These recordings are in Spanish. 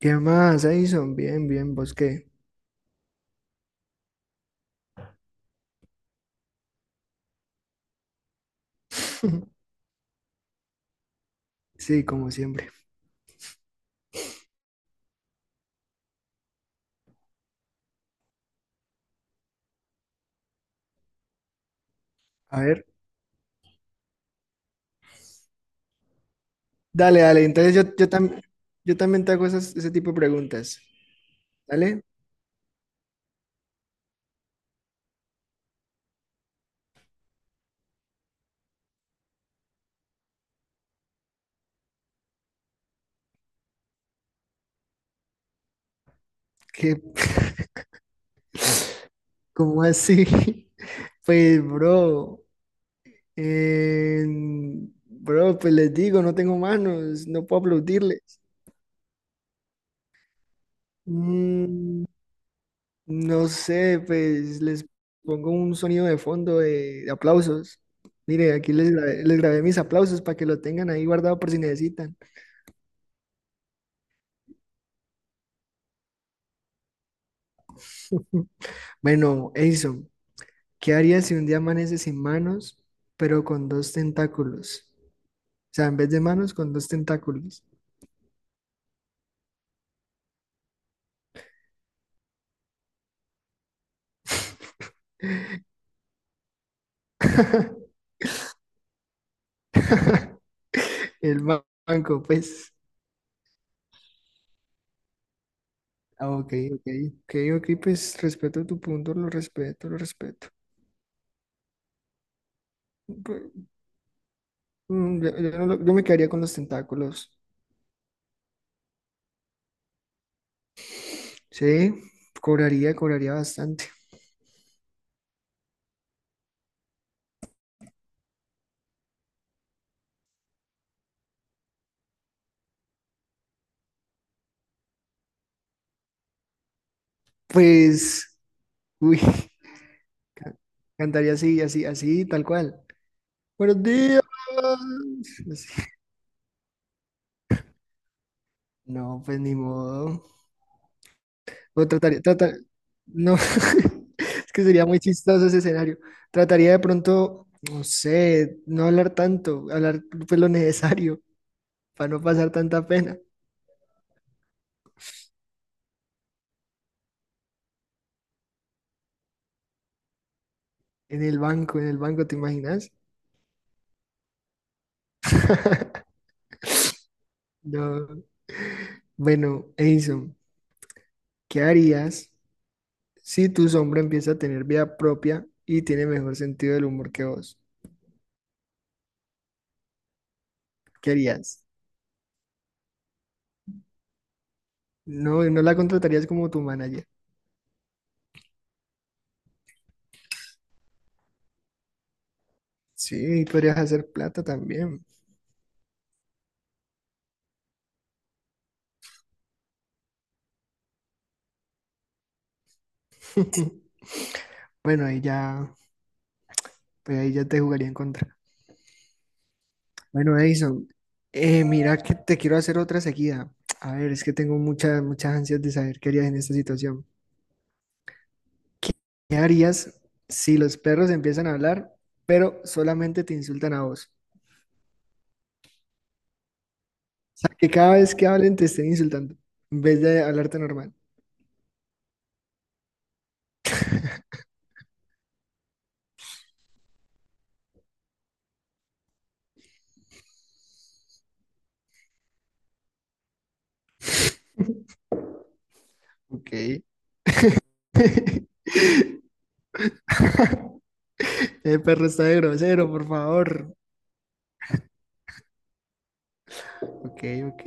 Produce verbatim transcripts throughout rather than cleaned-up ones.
¿Qué más, Edison? Bien, bien, ¿vos qué? Sí, como siempre. A ver, dale, dale. Entonces yo, yo, tam- yo también te hago esas- ese tipo de preguntas. ¿Dale? ¿Qué? ¿Cómo así? Pues, bro, en- bro, pues les digo, no tengo manos, no puedo aplaudirles. Mm, No sé, pues les pongo un sonido de fondo de, de aplausos. Mire, aquí les grabé, les grabé mis aplausos para que lo tengan ahí guardado por si necesitan. Bueno, Edison, ¿qué harías si un día amaneces sin manos, pero con dos tentáculos? O sea, en vez de manos, con dos tentáculos. El ba- banco, pues. Ah, ok, ok. Ok, ok, pues respeto tu punto, lo respeto, lo respeto. Pe- mm, Yo, yo no lo- yo me quedaría con los tentáculos. Sí, cobraría, cobraría bastante. Pues, uy, ca- cantaría así, así, así, tal cual. Buenos días. Así. No, pues ni modo. O trataría, tratar, no, es que sería muy chistoso ese escenario. Trataría de pronto, no sé, no hablar tanto, hablar pues lo necesario para no pasar tanta pena. En el banco, en el banco, ¿te imaginas? No. Bueno, Edison, ¿qué harías? Si tu sombra empieza a tener vida propia y tiene mejor sentido del humor que vos, ¿qué harías? No, no la contratarías como tu manager. Sí, y podrías hacer plata también. Bueno, ahí ya, pues ahí ya te jugaría en contra. Bueno, Edison, eh, mira que te quiero hacer otra seguida. A ver, es que tengo muchas, muchas ansias de saber qué harías en esta situación. ¿Qué qué harías si los perros empiezan a hablar, pero solamente te insultan a vos? O sea, que cada vez que hablen te estén insultando, en vez de hablarte normal. Ok. El perro está de grosero, por favor. Ok, ok.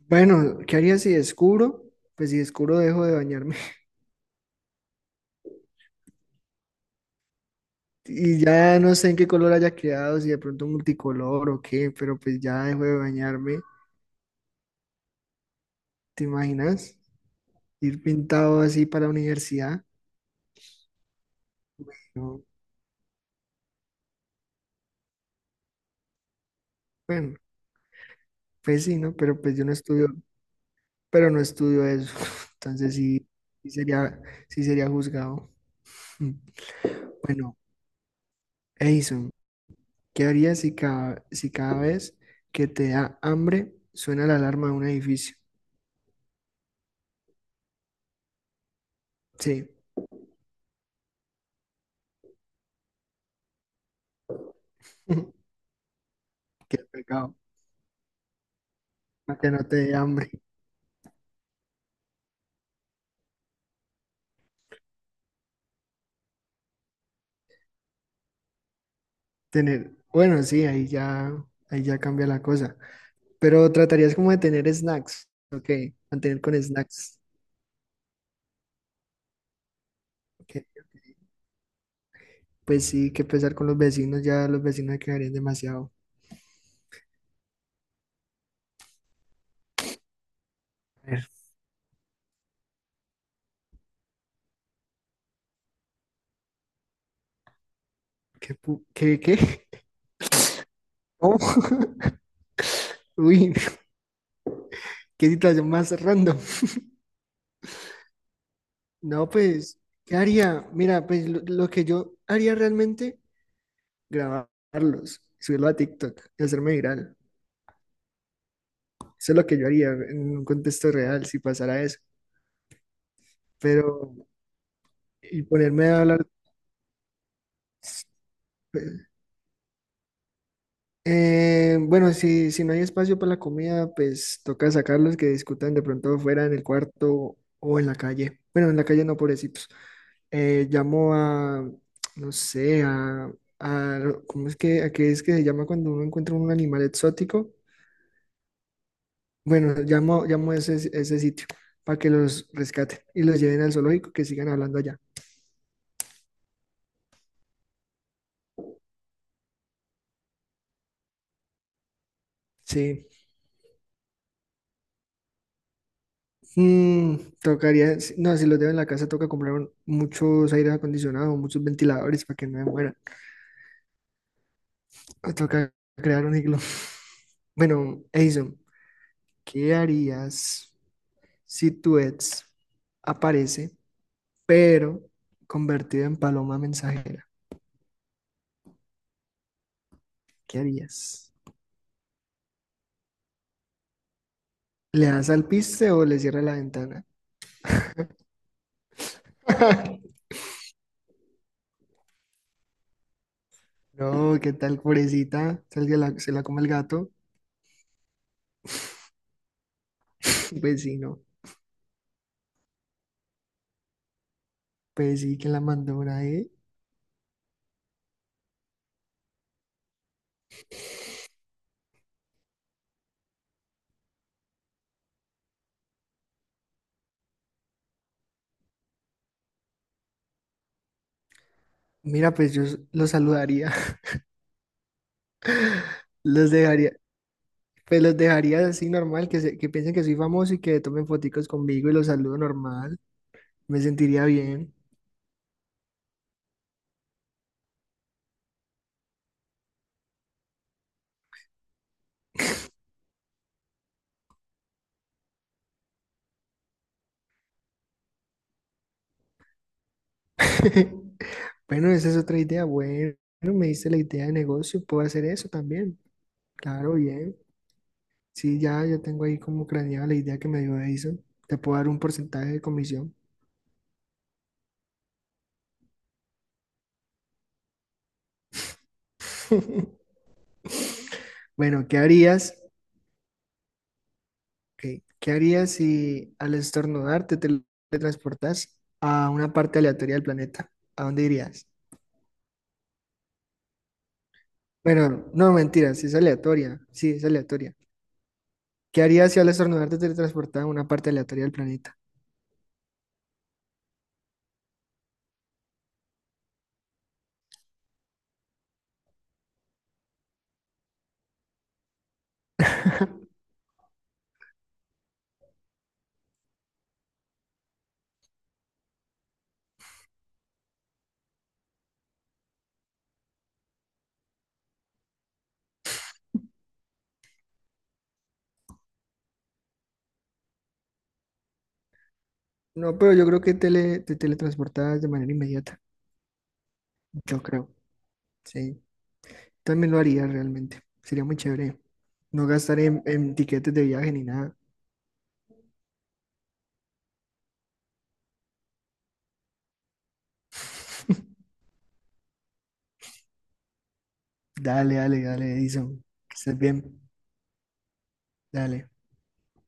Bueno, ¿qué haría si descubro? Pues si descubro, dejo de bañarme. Y ya no sé en qué color haya quedado, si de pronto multicolor o qué, pero pues ya dejo de bañarme. ¿Te imaginas? Ir pintado así para la universidad. No, bueno, pues sí, ¿no? Pero pues yo no estudio, pero no estudio eso. Entonces sí, sí sería, sí sería juzgado. Bueno, Edison. ¿Qué harías si cada, si cada vez que te da hambre suena la alarma de un edificio? Sí, qué pecado, para que no te dé hambre. Tener, bueno, sí, ahí ya, ahí ya cambia la cosa. Pero tratarías como de tener snacks, ok, mantener con snacks. Ok. Pues sí, que pesar con los vecinos, ya los vecinos quedarían demasiado. A ver, ¿qué, pu- qué, ¿qué? ¿Cómo? Uy, qué situación más random. No, pues, ¿qué haría? Mira, pues lo, lo que yo haría realmente grabarlos, subirlo a TikTok y hacerme viral. Eso es lo que yo haría en un contexto real si pasara eso. Pero, y ponerme a hablar. Eh, bueno, si, si no hay espacio para la comida, pues toca sacarlos que discutan de pronto fuera en el cuarto o en la calle. Bueno, en la calle no, pobrecitos. Eh, llamo a, no sé, a, a- ¿cómo es que, a qué es que se llama cuando uno encuentra un animal exótico? Bueno, llamo, llamo a ese, ese sitio para que los rescaten y los lleven al zoológico, que sigan hablando allá. Sí. Mm, tocaría, si- no, si los dejo en la casa, toca comprar un- muchos aire acondicionado, muchos ventiladores para que no me muera. Ah, toca crear un iglú. Bueno, Edison, ¿qué harías si tu ex aparece, pero convertido en paloma mensajera? ¿Qué harías? ¿Le das al piste o le cierras la ventana? No, ¿qué tal, pobrecita? Tal que la- se la come el gato. Pues sí, no. Pues sí, que la mandó una, ¿eh? Mira, pues yo los saludaría. Los dejaría. Pues los dejaría así normal, que, se- que piensen que soy famoso y que tomen foticos conmigo y los saludo normal. Me sentiría bien. Bueno, esa es otra idea. Bueno, me diste la idea de negocio. Puedo hacer eso también. Claro, bien. Sí, ya, ya tengo ahí como craneada la idea que me dio Edison. Te puedo dar un porcentaje de comisión. Bueno, ¿qué harías? Ok, ¿qué harías si al estornudar te teletransportas a una parte aleatoria del planeta? ¿A dónde irías? Bueno, no, mentira, sí es aleatoria. Sí, es aleatoria. ¿Qué harías si al estornudar te teletransportas a una parte aleatoria del planeta? No, pero yo creo que tele- te teletransportas de manera inmediata. Yo creo, sí. También lo haría realmente. Sería muy chévere. No gastar en, en tiquetes de viaje ni nada. Dale, dale, dale, Edison. Que estés bien. Dale.